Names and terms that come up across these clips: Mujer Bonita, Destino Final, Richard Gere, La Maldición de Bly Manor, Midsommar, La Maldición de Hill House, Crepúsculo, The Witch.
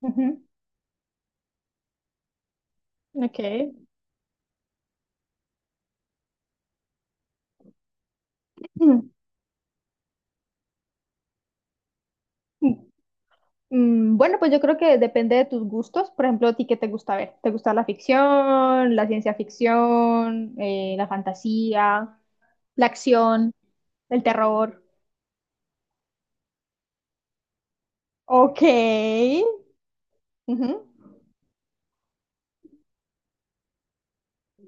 Ujú. Ok. Mm, Bueno, pues yo creo que depende de tus gustos. Por ejemplo, ¿a ti qué te gusta ver? ¿Te gusta la ficción, la ciencia ficción, la fantasía, la acción, el terror? Ok. Ujú,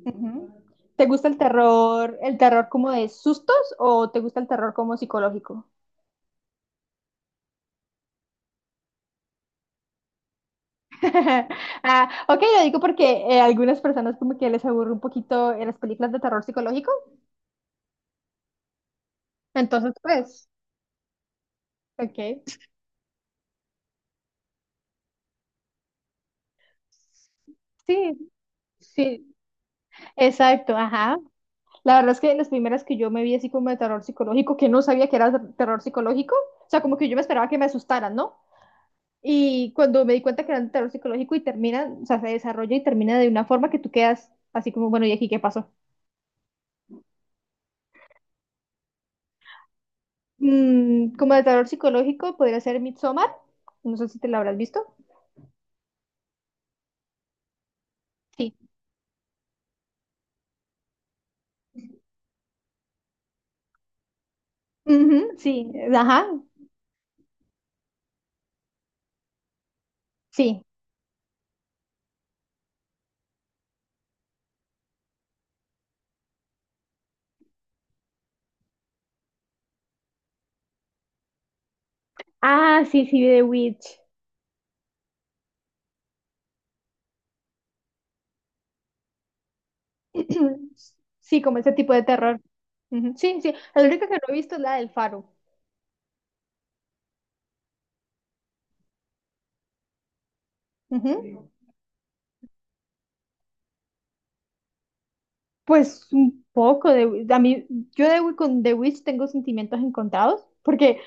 ujú. ¿Te gusta el terror como de sustos o te gusta el terror como psicológico? Ah, ok, lo digo porque algunas personas como que les aburre un poquito las películas de terror psicológico. Entonces, pues. Ok. Sí, sí, exacto, ajá. La verdad es que las primeras que yo me vi así como de terror psicológico, que no sabía que era terror psicológico, o sea, como que yo me esperaba que me asustaran, ¿no? Y cuando me di cuenta que era de terror psicológico y termina, o sea, se desarrolla y termina de una forma que tú quedas así como, bueno, ¿y aquí qué pasó? Como de terror psicológico podría ser Midsommar, no sé si te la habrás visto. Sí. Ujú, sí, ajá, sí. Ah, sí, sí, The Witch. Sí, como ese tipo de terror. Ujú, sí, sí. La única que no he visto es la del Faro. Ujú. Pues un poco de... A mí, con The Witch tengo sentimientos encontrados, porque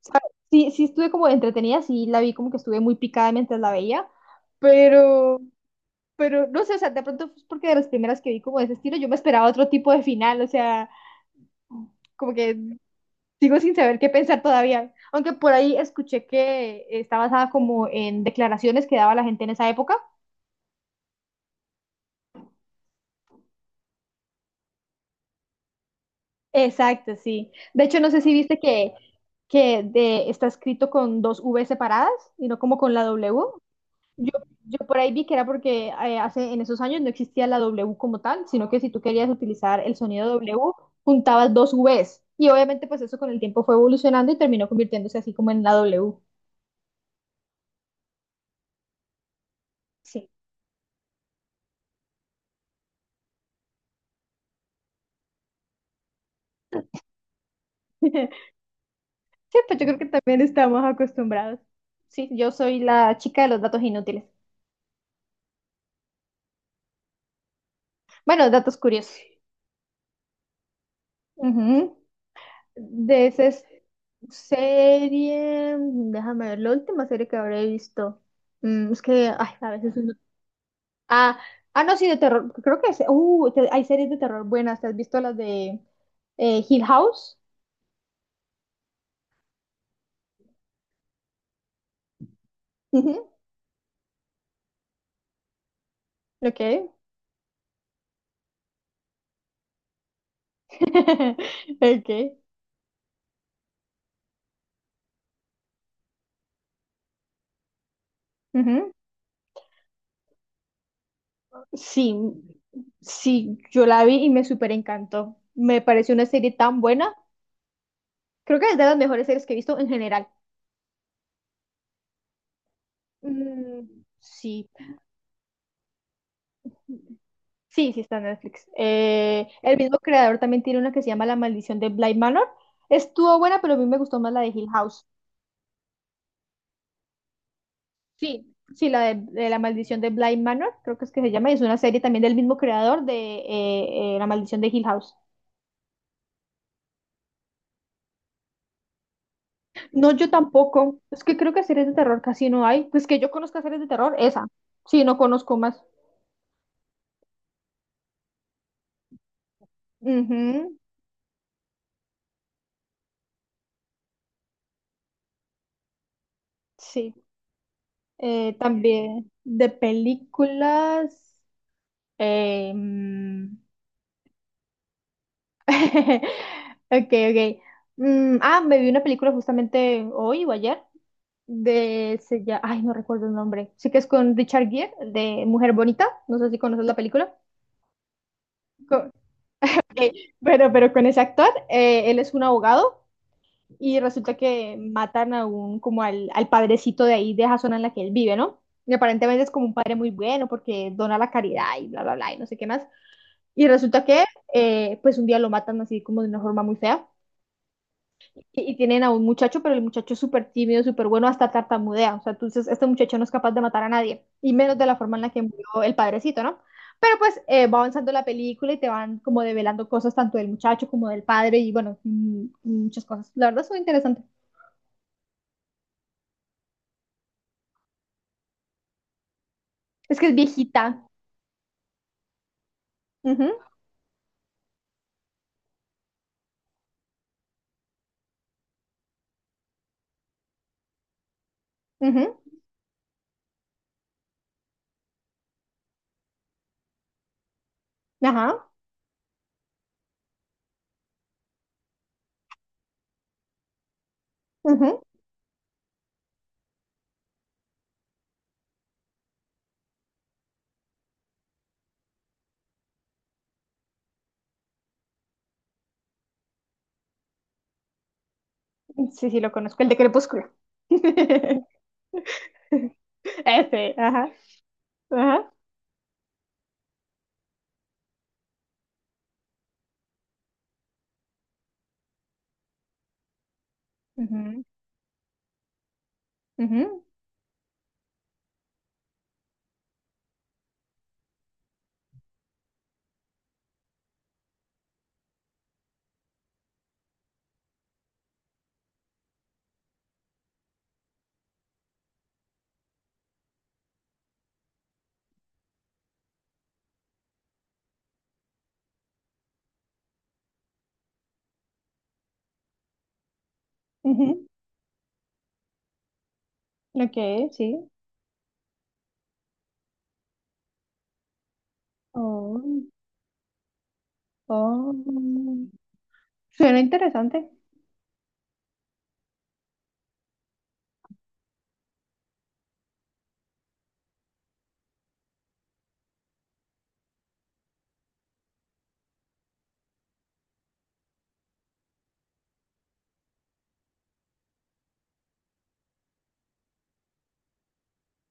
¿sabes? Sí, sí estuve como entretenida, sí la vi como que estuve muy picada mientras la veía, pero, pero no sé, o sea, de pronto es porque de las primeras que vi como de ese estilo, yo me esperaba otro tipo de final, o sea, como que sigo sin saber qué pensar todavía. Aunque por ahí escuché que está basada como en declaraciones que daba la gente en esa época. Exacto, sí. De hecho, no sé si viste que está escrito con dos V separadas y no como con la W. Yo, yo por ahí vi que era porque en esos años no existía la W como tal, sino que si tú querías utilizar el sonido W, juntabas dos Vs. Y obviamente pues eso con el tiempo fue evolucionando y terminó convirtiéndose así como en la W. Sí. Sí, pues yo creo que también estamos acostumbrados. Sí, yo soy la chica de los datos inútiles. Bueno, datos curiosos. Ujú. De serie, déjame ver, la última serie que habré visto. Es que, ay, a veces. Ah, ah, no, sí, de terror. Creo que hay series de terror buenas. ¿Te has visto las de Hill House? Ujú, ok. Ok. Ujú. Sí, sí, yo la vi y me súper encantó. Me pareció una serie tan buena. Creo que es de las mejores series que he visto en general. Mm, sí. Sí, sí está en Netflix. El mismo creador también tiene una que se llama La Maldición de Bly Manor. Estuvo buena, pero a mí me gustó más la de Hill House. Sí, sí, la de La Maldición de Bly Manor, creo que es que se llama, y es una serie también del mismo creador de La Maldición de Hill House. No, yo tampoco. Es que creo que series de terror casi no hay. Pues que yo conozca series de terror, esa. Sí, no conozco más. Ujú. Sí. También de películas. em, Ok, ok. Me vi una película justamente hoy o ayer ay, no recuerdo el nombre. Sí que es con Richard Gere de Mujer Bonita. No sé si conoces la película. Co- pero con ese actor, él es un abogado y resulta que matan a un como al padrecito de ahí de esa zona en la que él vive, ¿no? Y aparentemente es como un padre muy bueno porque dona la caridad y bla bla bla y no sé qué más. Y resulta que pues un día lo matan así como de una forma muy fea. Y tienen a un muchacho, pero el muchacho es súper tímido, súper bueno, hasta tartamudea. O sea, entonces este muchacho no es capaz de matar a nadie, y menos de la forma en la que murió el padrecito, ¿no? Pero pues va avanzando la película y te van como develando cosas tanto del muchacho como del padre y bueno, muchas cosas. La verdad es muy interesante. Es que es viejita. Ujú, ujú, ajá, ujú. Sí, sí, lo conozco, el de Crepúsculo. Ese, ajá, ajá. Ujú, ujú, ujú. Ok, sí. Oh, oh. Suena interesante.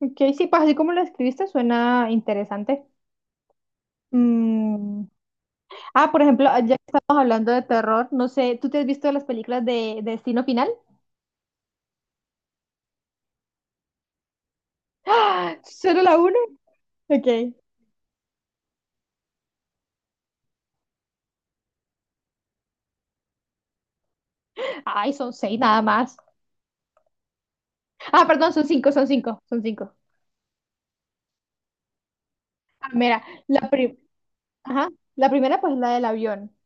Ok, sí, pues así como lo escribiste, suena interesante. Mm, por ejemplo, ya que estamos hablando de terror, no sé, ¿tú te has visto las películas de Destino Final? ¡Ah! ¿Solo la una? Ok. Ay, son seis nada más. Ah, perdón, son cinco, son cinco, son cinco. Ah, mira. Ajá. La primera pues es la del avión.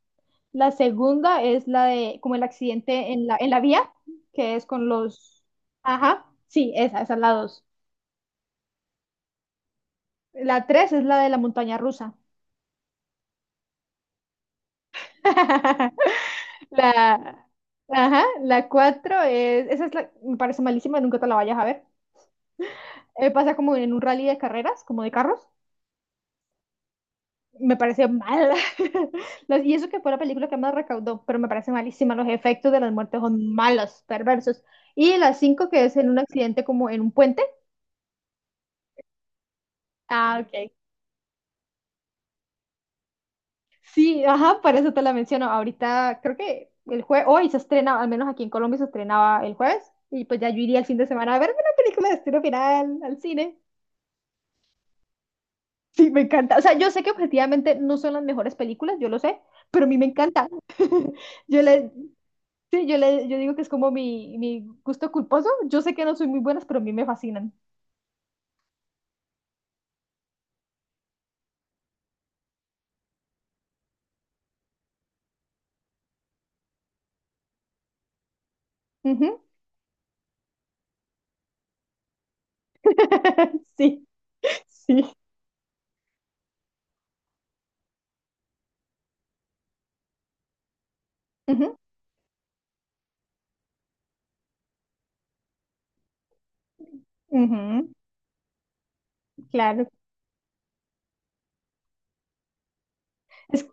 La segunda es la de como el accidente en la, vía, que es con los... Ajá, sí, esa es la dos. La tres es la de la montaña rusa. La, ajá, la 4 es, esa es la, me parece malísima, nunca te la vayas a ver. Pasa como en un rally de carreras, como de carros. Me parece mal. Y eso que fue la película que más recaudó, pero me parece malísima. Los efectos de las muertes son malos, perversos. Y la 5 que es en un accidente como en un puente. Ah, ok. Sí, ajá, por eso te la menciono. Ahorita creo que el jueves, hoy se estrena, al menos aquí en Colombia se estrenaba el jueves. Y pues ya yo iría el fin de semana a ver una película de estilo final al cine. Sí, me encanta. O sea, yo sé que objetivamente no son las mejores películas, yo lo sé, pero a mí me encanta. Yo le, sí, yo digo que es como mi gusto culposo. Yo sé que no soy muy buenas, pero a mí me fascinan. Ujú. Sí, sí. Ujú, ujú, claro. Es,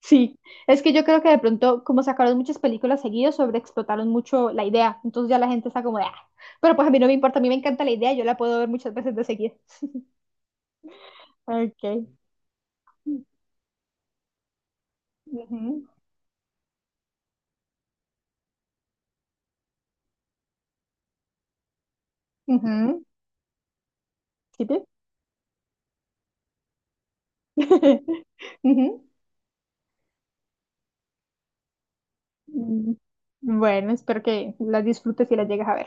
sí, es que yo creo que de pronto, como sacaron muchas películas seguidas, sobreexplotaron mucho la idea. Entonces ya la gente está como de, "Ah". Pero pues a mí no me importa, a mí me encanta la idea, yo la puedo ver muchas veces de seguida. Ok. Ujú, ujú. ¿Sí? Ujú. Mm, Bueno, espero que las disfrutes y las llegues a ver.